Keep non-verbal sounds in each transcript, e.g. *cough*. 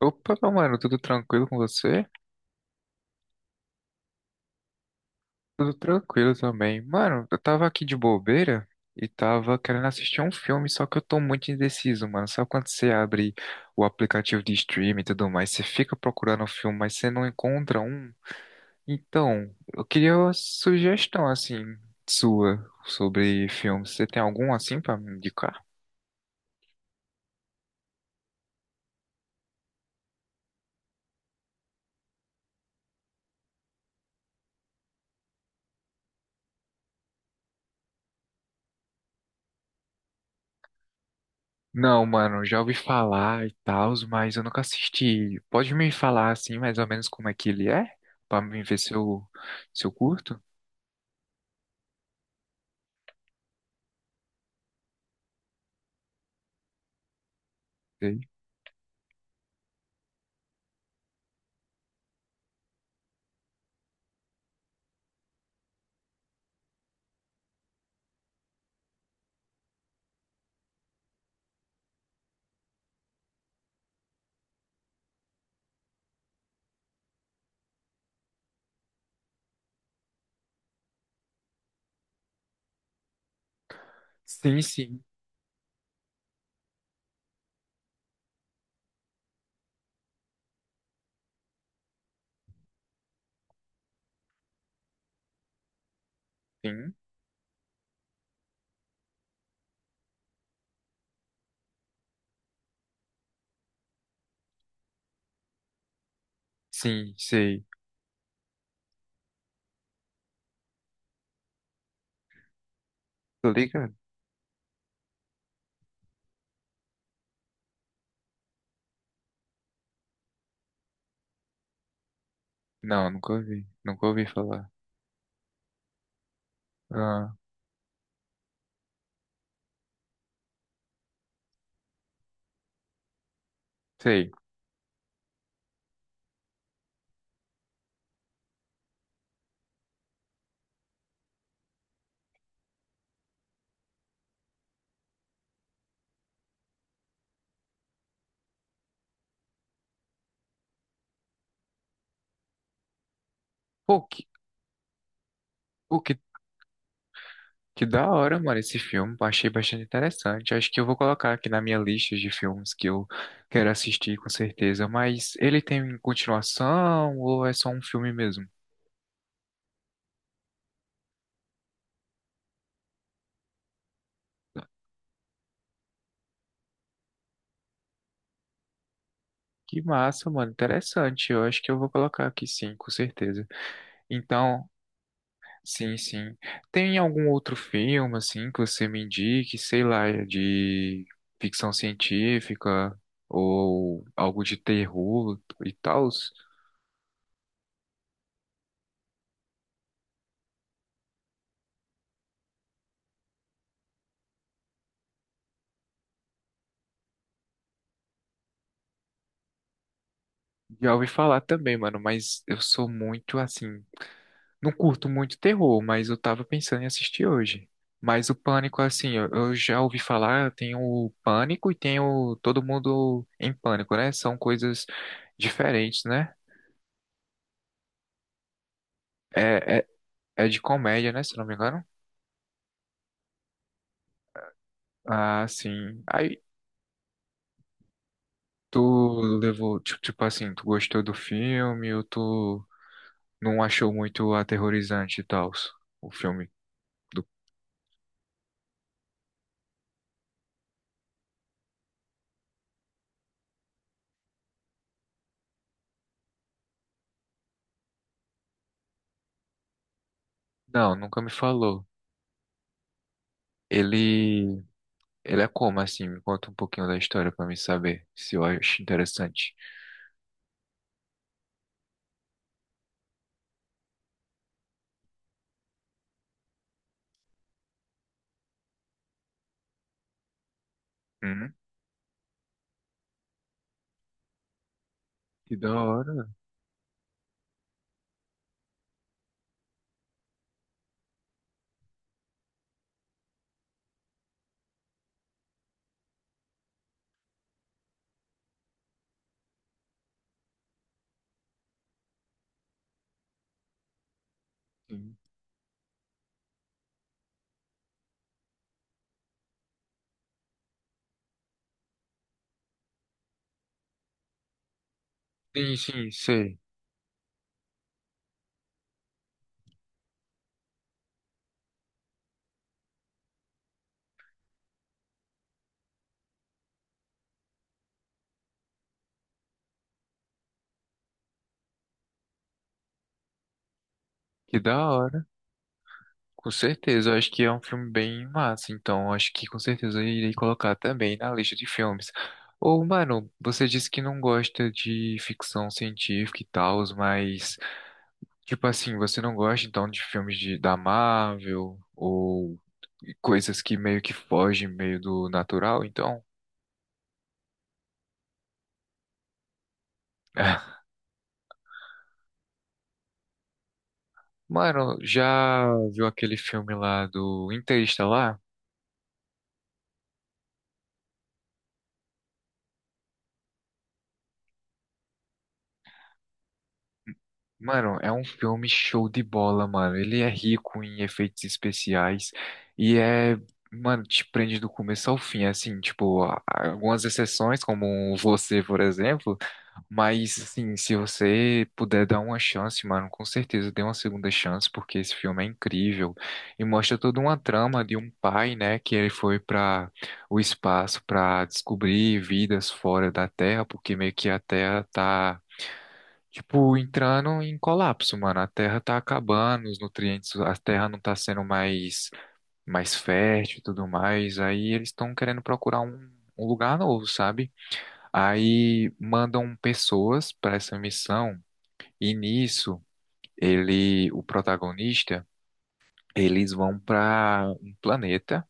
Opa, meu mano, tudo tranquilo com você? Tudo tranquilo também. Mano, eu tava aqui de bobeira e tava querendo assistir um filme, só que eu tô muito indeciso, mano. Sabe quando você abre o aplicativo de streaming e tudo mais, você fica procurando um filme, mas você não encontra um? Então, eu queria uma sugestão, assim, sua sobre filmes. Você tem algum, assim, pra me indicar? Não, mano, já ouvi falar e tal, mas eu nunca assisti. Pode me falar assim, mais ou menos como é que ele é? Pra mim ver se eu curto? Sei. Sim, sim, sim, sim, sei. Tô ligado? Não, nunca ouvi falar. Ah, sei. Pô, que, pô, que, que da hora, mano, esse filme. Achei bastante interessante. Acho que eu vou colocar aqui na minha lista de filmes que eu quero assistir, com certeza. Mas ele tem continuação ou é só um filme mesmo? Que massa, mano. Interessante. Eu acho que eu vou colocar aqui sim, com certeza. Então, sim, sim. Tem algum outro filme, assim, que você me indique, sei lá, de ficção científica ou algo de terror e tal? Já ouvi falar também, mano, mas eu sou muito, assim, não curto muito terror, mas eu tava pensando em assistir hoje. Mas o Pânico, assim, eu já ouvi falar, tem o Pânico e tem o Todo Mundo em Pânico, né? São coisas diferentes, né? É, é, é de comédia, né? Se não me engano. Ah, sim. Aí tu levou, tipo assim, tu gostou do filme ou tu não achou muito aterrorizante e tal, o filme do... Não, nunca me falou. Ele Ele é como assim? Me conta um pouquinho da história pra mim saber se eu acho interessante. Hum, que da hora. Sim, sim, sim, sei. Que da hora. Com certeza, eu acho que é um filme bem massa, então eu acho que com certeza eu irei colocar também na lista de filmes. Ô, mano, você disse que não gosta de ficção científica e tal, mas, tipo assim, você não gosta então de filmes de, da Marvel ou coisas que meio que fogem meio do natural, então? *laughs* Mano, já viu aquele filme lá do Interestelar? Mano, é um filme show de bola, mano. Ele é rico em efeitos especiais e é, mano, te prende do começo ao fim, assim, tipo, algumas exceções, como Você, por exemplo. Mas, assim, se você puder dar uma chance, mano, com certeza dê uma segunda chance, porque esse filme é incrível. E mostra toda uma trama de um pai, né, que ele foi para o espaço para descobrir vidas fora da Terra, porque meio que a Terra tá, tipo, entrando em colapso, mano. A Terra tá acabando, os nutrientes, a Terra não tá sendo mais, mais fértil e tudo mais. Aí eles estão querendo procurar um lugar novo, sabe? Aí mandam pessoas para essa missão e nisso ele, o protagonista, eles vão para um planeta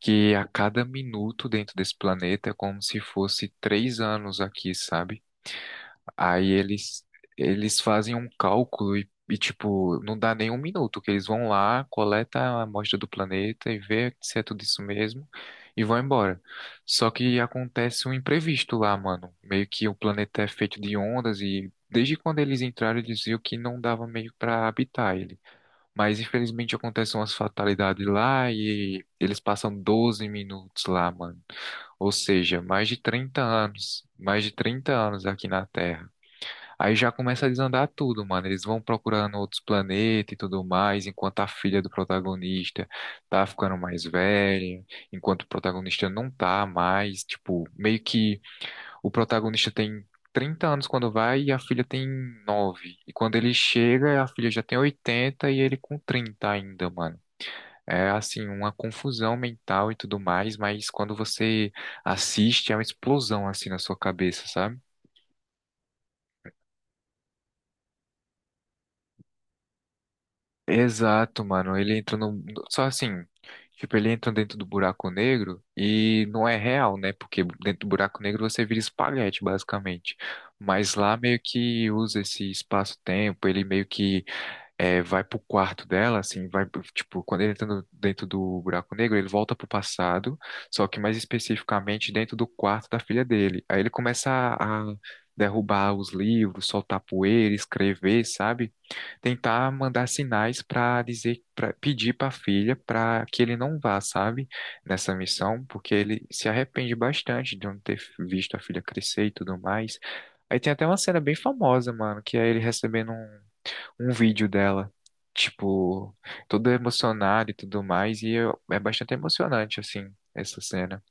que a cada minuto dentro desse planeta é como se fosse 3 anos aqui, sabe? Aí eles fazem um cálculo e, tipo, não dá nem um minuto, que eles vão lá, coleta a amostra do planeta e vê se é tudo isso mesmo e vão embora. Só que acontece um imprevisto lá, mano. Meio que o planeta é feito de ondas e desde quando eles entraram eles viram que não dava meio pra habitar ele. Mas infelizmente acontecem umas fatalidades lá e eles passam 12 minutos lá, mano. Ou seja, mais de 30 anos, mais de 30 anos aqui na Terra. Aí já começa a desandar tudo, mano. Eles vão procurando outros planetas e tudo mais, enquanto a filha do protagonista tá ficando mais velha, enquanto o protagonista não tá mais. Tipo, meio que o protagonista tem 30 anos quando vai e a filha tem 9. E quando ele chega, a filha já tem 80 e ele com 30 ainda, mano. É assim, uma confusão mental e tudo mais, mas quando você assiste, é uma explosão assim na sua cabeça, sabe? Exato, mano. Ele entra no. Só assim, tipo, ele entra dentro do buraco negro e não é real, né? Porque dentro do buraco negro você vira espaguete, basicamente. Mas lá meio que usa esse espaço-tempo, ele meio que é, vai pro quarto dela, assim, vai. Tipo, quando ele entra dentro do buraco negro, ele volta pro passado, só que mais especificamente dentro do quarto da filha dele. Aí ele começa a derrubar os livros, soltar poeira, escrever, sabe? Tentar mandar sinais para dizer, para pedir para a filha para que ele não vá, sabe, nessa missão, porque ele se arrepende bastante de não ter visto a filha crescer e tudo mais. Aí tem até uma cena bem famosa, mano, que é ele recebendo um vídeo dela, tipo, todo emocionado e tudo mais, e é bastante emocionante, assim, essa cena.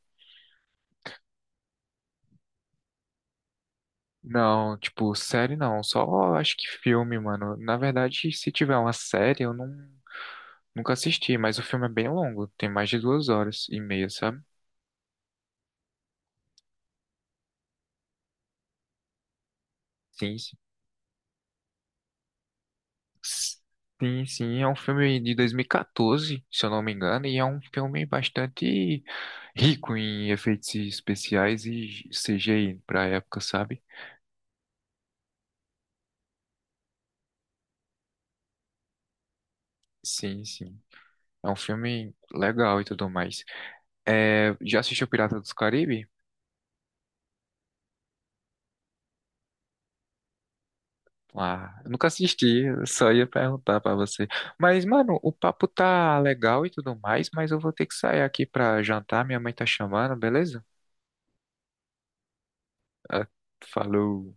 Não, tipo, série não, só acho que filme, mano. Na verdade, se tiver uma série, eu não nunca assisti, mas o filme é bem longo, tem mais de 2 horas e meia, sabe? Sim, sim. Sim, sim, é um filme de 2014, se eu não me engano, e é um filme bastante rico em efeitos especiais e CGI pra época, sabe? Sim, sim. É um filme legal e tudo mais. É, já assistiu Pirata dos Caribe? Ah, eu nunca assisti, eu só ia perguntar pra você. Mas, mano, o papo tá legal e tudo mais, mas eu vou ter que sair aqui pra jantar, minha mãe tá chamando, beleza? Ah, falou.